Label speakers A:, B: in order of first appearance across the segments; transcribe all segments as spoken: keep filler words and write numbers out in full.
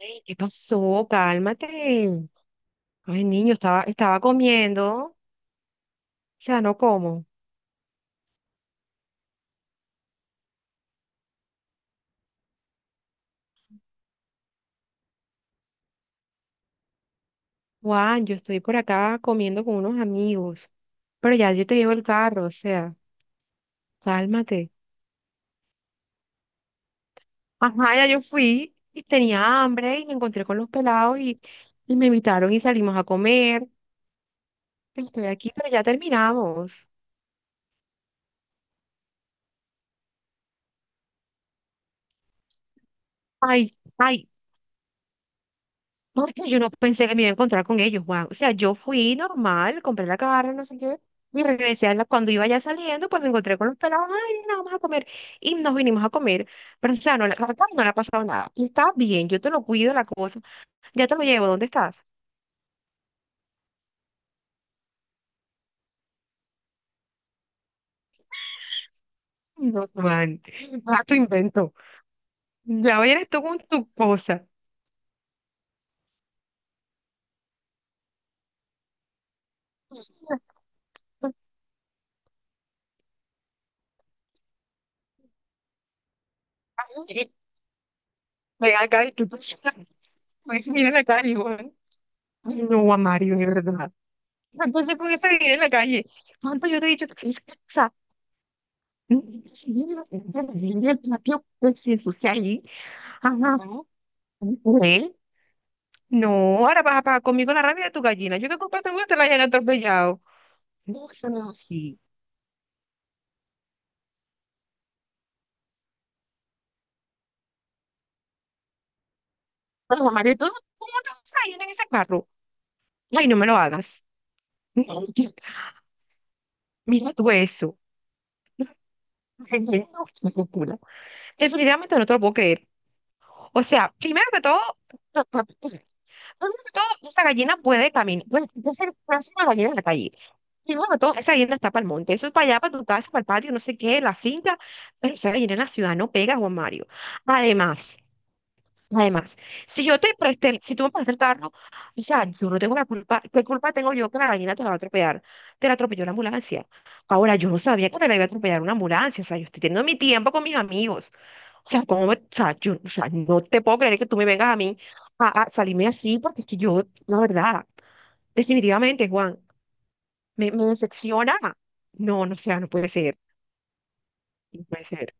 A: Ey, ¿qué pasó? Cálmate. Ay, niño, estaba, estaba comiendo. O sea, no como. Juan, yo estoy por acá comiendo con unos amigos. Pero ya yo te llevo el carro, o sea, cálmate. Ajá, ya yo fui y tenía hambre y me encontré con los pelados y, y me invitaron y salimos a comer. Estoy aquí, pero ya terminamos. Ay, ay, porque yo no pensé que me iba a encontrar con ellos, Juan. O sea, yo fui normal, compré la carne, no sé qué, y regresé a la, cuando iba ya saliendo, pues me encontré con los pelados, ay, nada, vamos a comer, y nos vinimos a comer. Pero, o sea, no, la la carne no le ha pasado nada. Y está bien, yo te lo cuido, la cosa, ya te lo llevo, ¿dónde estás? No, Juan, a tu invento. Ya vienes tú con tu cosa. Ven acá y tú, pues, mira la calle, Juan. Ay, no, a Mario, de verdad. Entonces, con esa vida en la calle, ¿cuánto yo te he dicho? Yo pues, si ensucia ahí. Ajá. No, ¿eh? No, ahora vas a pagar conmigo la rabia de tu gallina. Yo que culpa tengo que te la hayan atropellado. No, eso no es así. Pero, Mario, ¿tú cómo te vas a ir en ese carro? Ay, no me lo hagas. No, yo, mira tú eso. Ay, no, qué locura. Definitivamente no te lo puedo creer. O sea, primero que todo, pa- pa- pa- primero que todo, esa gallina puede caminar, puede puede ser puede ser una gallina en la calle. Y bueno, todo, esa guinda está para el monte, eso es para allá, para tu casa, para el patio, no sé qué, la finca, pero esa guinda en la ciudad no pega, Juan Mario. Además, además, si yo te presté, el- si tú me prestas el carro, o sea, yo no tengo la culpa, ¿qué culpa tengo yo que la gallina te la va a atropellar? Te la atropelló la ambulancia. Ahora, yo no sabía que te la iba a atropellar una ambulancia, o sea, yo estoy teniendo mi tiempo con mis amigos. O sea, ¿cómo me- o sea, yo, o sea, no te puedo creer que tú me vengas a mí a, a salirme así, porque es que yo, la verdad, definitivamente, Juan me, me decepciona. No, no, o sea, no puede ser, no puede ser.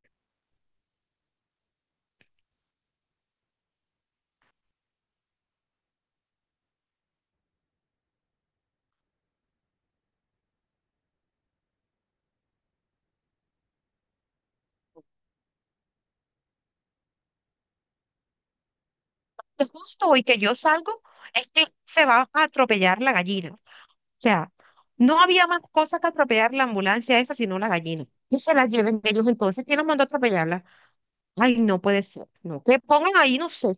A: De justo hoy que yo salgo, es que se va a atropellar la gallina. O sea, no había más cosa que atropellar la ambulancia esa, sino la gallina. Que se la lleven ellos entonces, ¿quién los mandó a atropellarla? Ay, no puede ser, no. Que pongan ahí, no sé.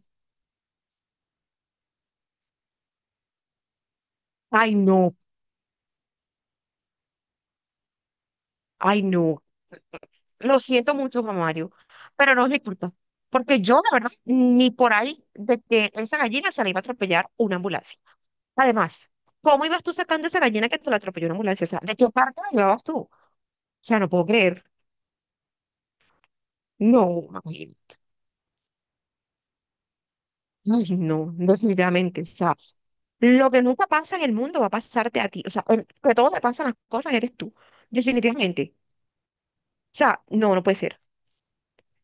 A: Ay, no, ay, no. Lo siento mucho, Juan Mario, pero no es mi culpa. Porque yo, la verdad, ni por ahí de que esa gallina se la iba a atropellar una ambulancia. Además, ¿cómo ibas tú sacando esa gallina que te la atropelló una ambulancia? O sea, ¿de qué parte la llevabas tú? O sea, no puedo creer. No, Magdalena. Ay, no, definitivamente. O sea, lo que nunca pasa en el mundo va a pasarte a ti. O sea, el que todo te pasan las cosas eres tú. Definitivamente. O sea, no, no puede ser.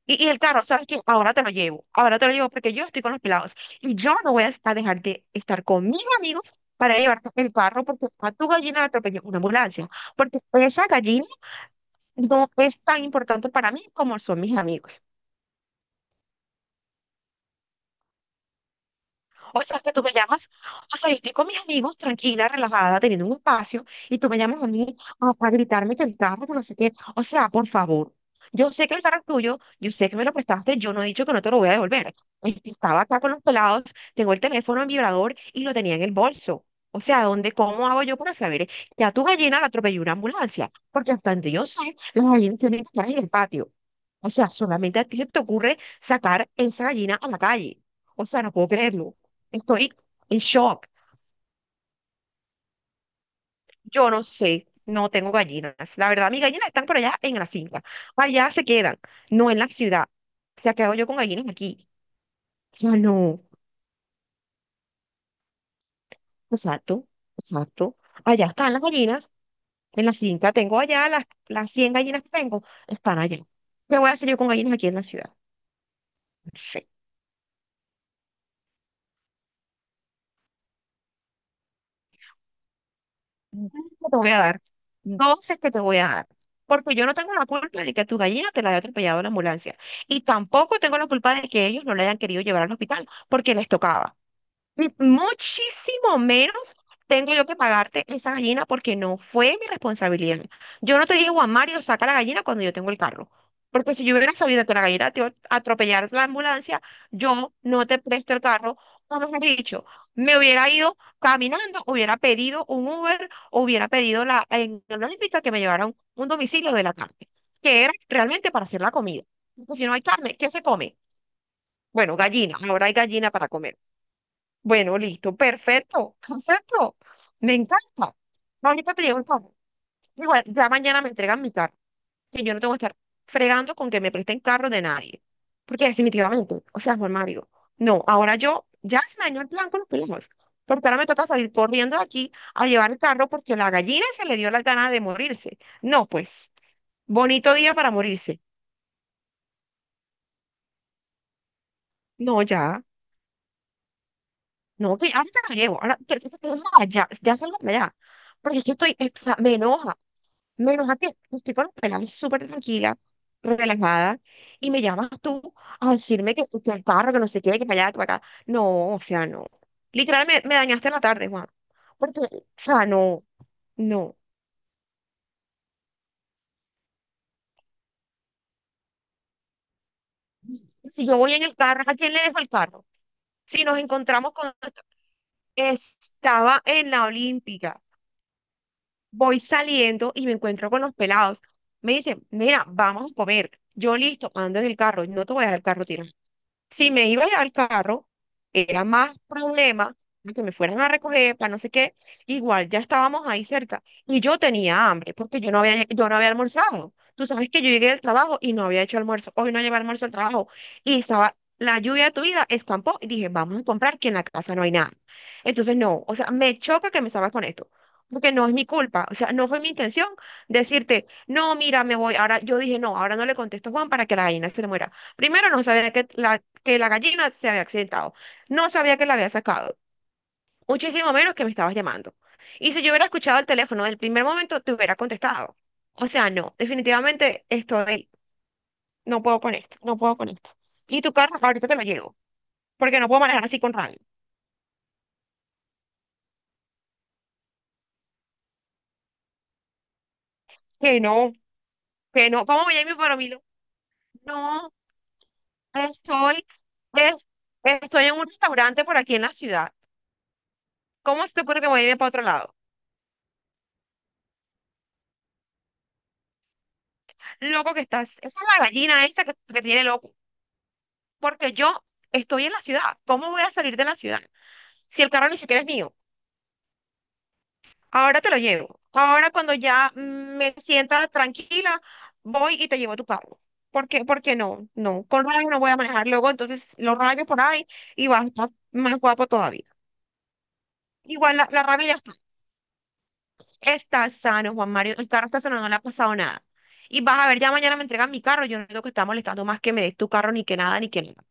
A: Y, y el carro, ¿sabes qué? Ahora te lo llevo. Ahora te lo llevo porque yo estoy con los pelados. Y yo no voy a a dejar de estar con mis amigos para llevarte el carro porque a tu gallina la atropelló una ambulancia. Porque esa gallina no es tan importante para mí como son mis amigos. O sea, que tú me llamas, o sea, yo estoy con mis amigos, tranquila, relajada, teniendo un espacio, y tú me llamas a mí ah, para gritarme que el carro, que no sé qué. O sea, por favor, yo sé que el carro es tuyo, yo sé que me lo prestaste, yo no he dicho que no te lo voy a devolver. Este, Estaba acá con los pelados, tengo el teléfono en vibrador y lo tenía en el bolso. O sea, ¿dónde, cómo hago yo para saber que a tu gallina la atropelló una ambulancia? Porque hasta donde yo sé, las gallinas tienen que estar en el patio. O sea, solamente a ti se te ocurre sacar esa gallina a la calle. O sea, no puedo creerlo. Estoy en shock. Yo no sé, no tengo gallinas. La verdad, mis gallinas están por allá en la finca. Allá se quedan, no en la ciudad. O sea, ¿qué hago yo con gallinas aquí? O sea, no. Exacto, exacto. Allá están las gallinas. En la finca tengo allá las, las cien gallinas que tengo, están allá. ¿Qué voy a hacer yo con gallinas aquí en la ciudad? Dos que te voy a dar. Dos es que te voy a dar. Porque yo no tengo la culpa de que tu gallina te la haya atropellado la ambulancia. Y tampoco tengo la culpa de que ellos no la hayan querido llevar al hospital porque les tocaba m- muchísimo menos tengo yo que pagarte esa gallina porque no fue mi responsabilidad. Yo no te digo a Mario, saca la gallina cuando yo tengo el carro. Porque si yo hubiera sabido que la gallina te iba a atropellar la ambulancia, yo no te presto el carro. O mejor dicho, me hubiera ido caminando, hubiera pedido un Uber, o hubiera pedido la, en la Olímpica que me llevara a un, un domicilio de la carne, que era realmente para hacer la comida. Porque si no hay carne, ¿qué se come? Bueno, gallina, ahora hay gallina para comer. Bueno, listo, perfecto, perfecto. Me encanta. Ahorita te llevo el carro. Igual, ya mañana me entregan mi carro. Que yo no tengo que estar fregando con que me presten carro de nadie. Porque definitivamente, o sea, Juan Mario, no, ahora yo ya se me dañó el plan con los primos. Porque ahora me toca salir corriendo de aquí a llevar el carro porque la gallina se le dio las ganas de morirse. No, pues, bonito día para morirse. No, ya, no, que ahorita lo llevo. Ahora, que- que- que- ya, ya salgo para allá. Porque es que estoy, eh, o sea, me enoja. Menos a que estoy con los pelados súper tranquila, relajada, y me llamas tú a decirme que, que el carro, que no sé qué, que para allá, que para acá. No, o sea, no. Literal, me, me dañaste la tarde, Juan. Porque, o sea, no, no. Si yo voy en el carro, ¿a quién le dejo el carro? Si nos encontramos con... Estaba en la Olímpica. Voy saliendo y me encuentro con los pelados. Me dicen, mira, vamos a comer. Yo listo, ando en el carro, no te voy a dejar el carro tirado. Si me iba a llevar el carro, era más problema que me fueran a recoger para no sé qué. Igual ya estábamos ahí cerca y yo tenía hambre porque yo no había, yo no había almorzado. Tú sabes que yo llegué del trabajo y no había hecho almuerzo. Hoy no llevé almuerzo al trabajo y estaba la lluvia de tu vida, escampó y dije, vamos a comprar que en la casa no hay nada. Entonces, no, o sea, me choca que me salgas con esto porque no es mi culpa, o sea, no fue mi intención decirte, no, mira, me voy, ahora yo dije, no, ahora no le contesto a Juan para que la gallina se le muera. Primero no sabía que la, que la gallina se había accidentado, no sabía que la había sacado, muchísimo menos que me estabas llamando. Y si yo hubiera escuchado el teléfono del primer momento, te hubiera contestado. O sea, no, definitivamente estoy, no puedo con esto, no puedo con esto. Y tu carro, ahorita te lo llevo, porque no puedo manejar así con rabia. Que no, que no, vamos a mi para mí. No, estoy, es- estoy en un restaurante por aquí en la ciudad. ¿Cómo se te ocurre que voy a irme para otro lado? Loco que estás. Esa es la gallina esa que, que tiene loco. Porque yo estoy en la ciudad. ¿Cómo voy a salir de la ciudad? Si el carro ni siquiera es mío. Ahora te lo llevo. Ahora cuando ya mm, me sienta tranquila, voy y te llevo tu carro. ¿Por qué? Porque no, no. Con rayos no voy a manejar luego. Entonces lo rayo por ahí y vas a estar más guapo todavía. Igual la, la rabia ya está. Está sano, Juan Mario. El carro está sano, no le ha pasado nada. Y vas a ver, ya mañana me entregan mi carro. Yo no digo que está molestando más que me des tu carro, ni que nada, ni que nada.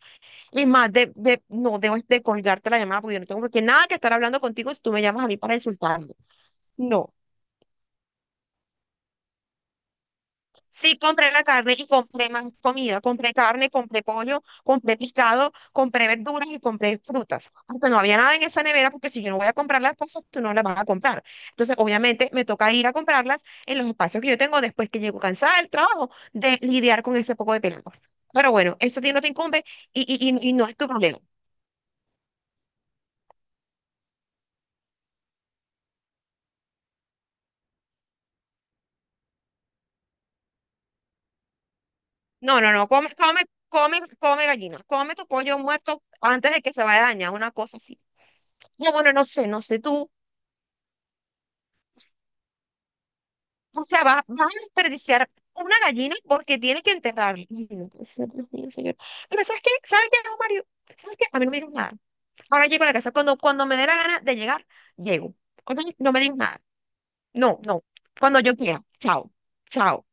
A: Y más de, de no debo de colgarte la llamada porque yo no tengo por qué nada que estar hablando contigo si tú me llamas a mí para insultarme. No. Sí, compré la carne y compré más comida. Compré carne, compré pollo, compré pescado, compré verduras y compré frutas. Hasta no había nada en esa nevera porque si yo no voy a comprar las cosas, tú no las vas a comprar. Entonces, obviamente, me toca ir a comprarlas en los espacios que yo tengo después que llego cansada del trabajo de lidiar con ese poco de pelado. Pero bueno, eso a ti no te incumbe y, y, y- y no es tu problema. No, no, no, come, come, come, come gallina. Come tu pollo muerto antes de que se vaya a dañar, una cosa así. No, bueno, no sé, no sé tú. O sea, va, va a desperdiciar una gallina porque tiene que enterrarla. Ay, no puede ser, Dios mío, señor. Pero ¿sabes qué? ¿Sabes qué, Mario? ¿Sabes qué? A mí no me digas nada. Ahora llego a la casa. Cuando, cuando me dé la gana de llegar, llego. Ok, no me digas nada. No, no. Cuando yo quiera. Chao. Chao.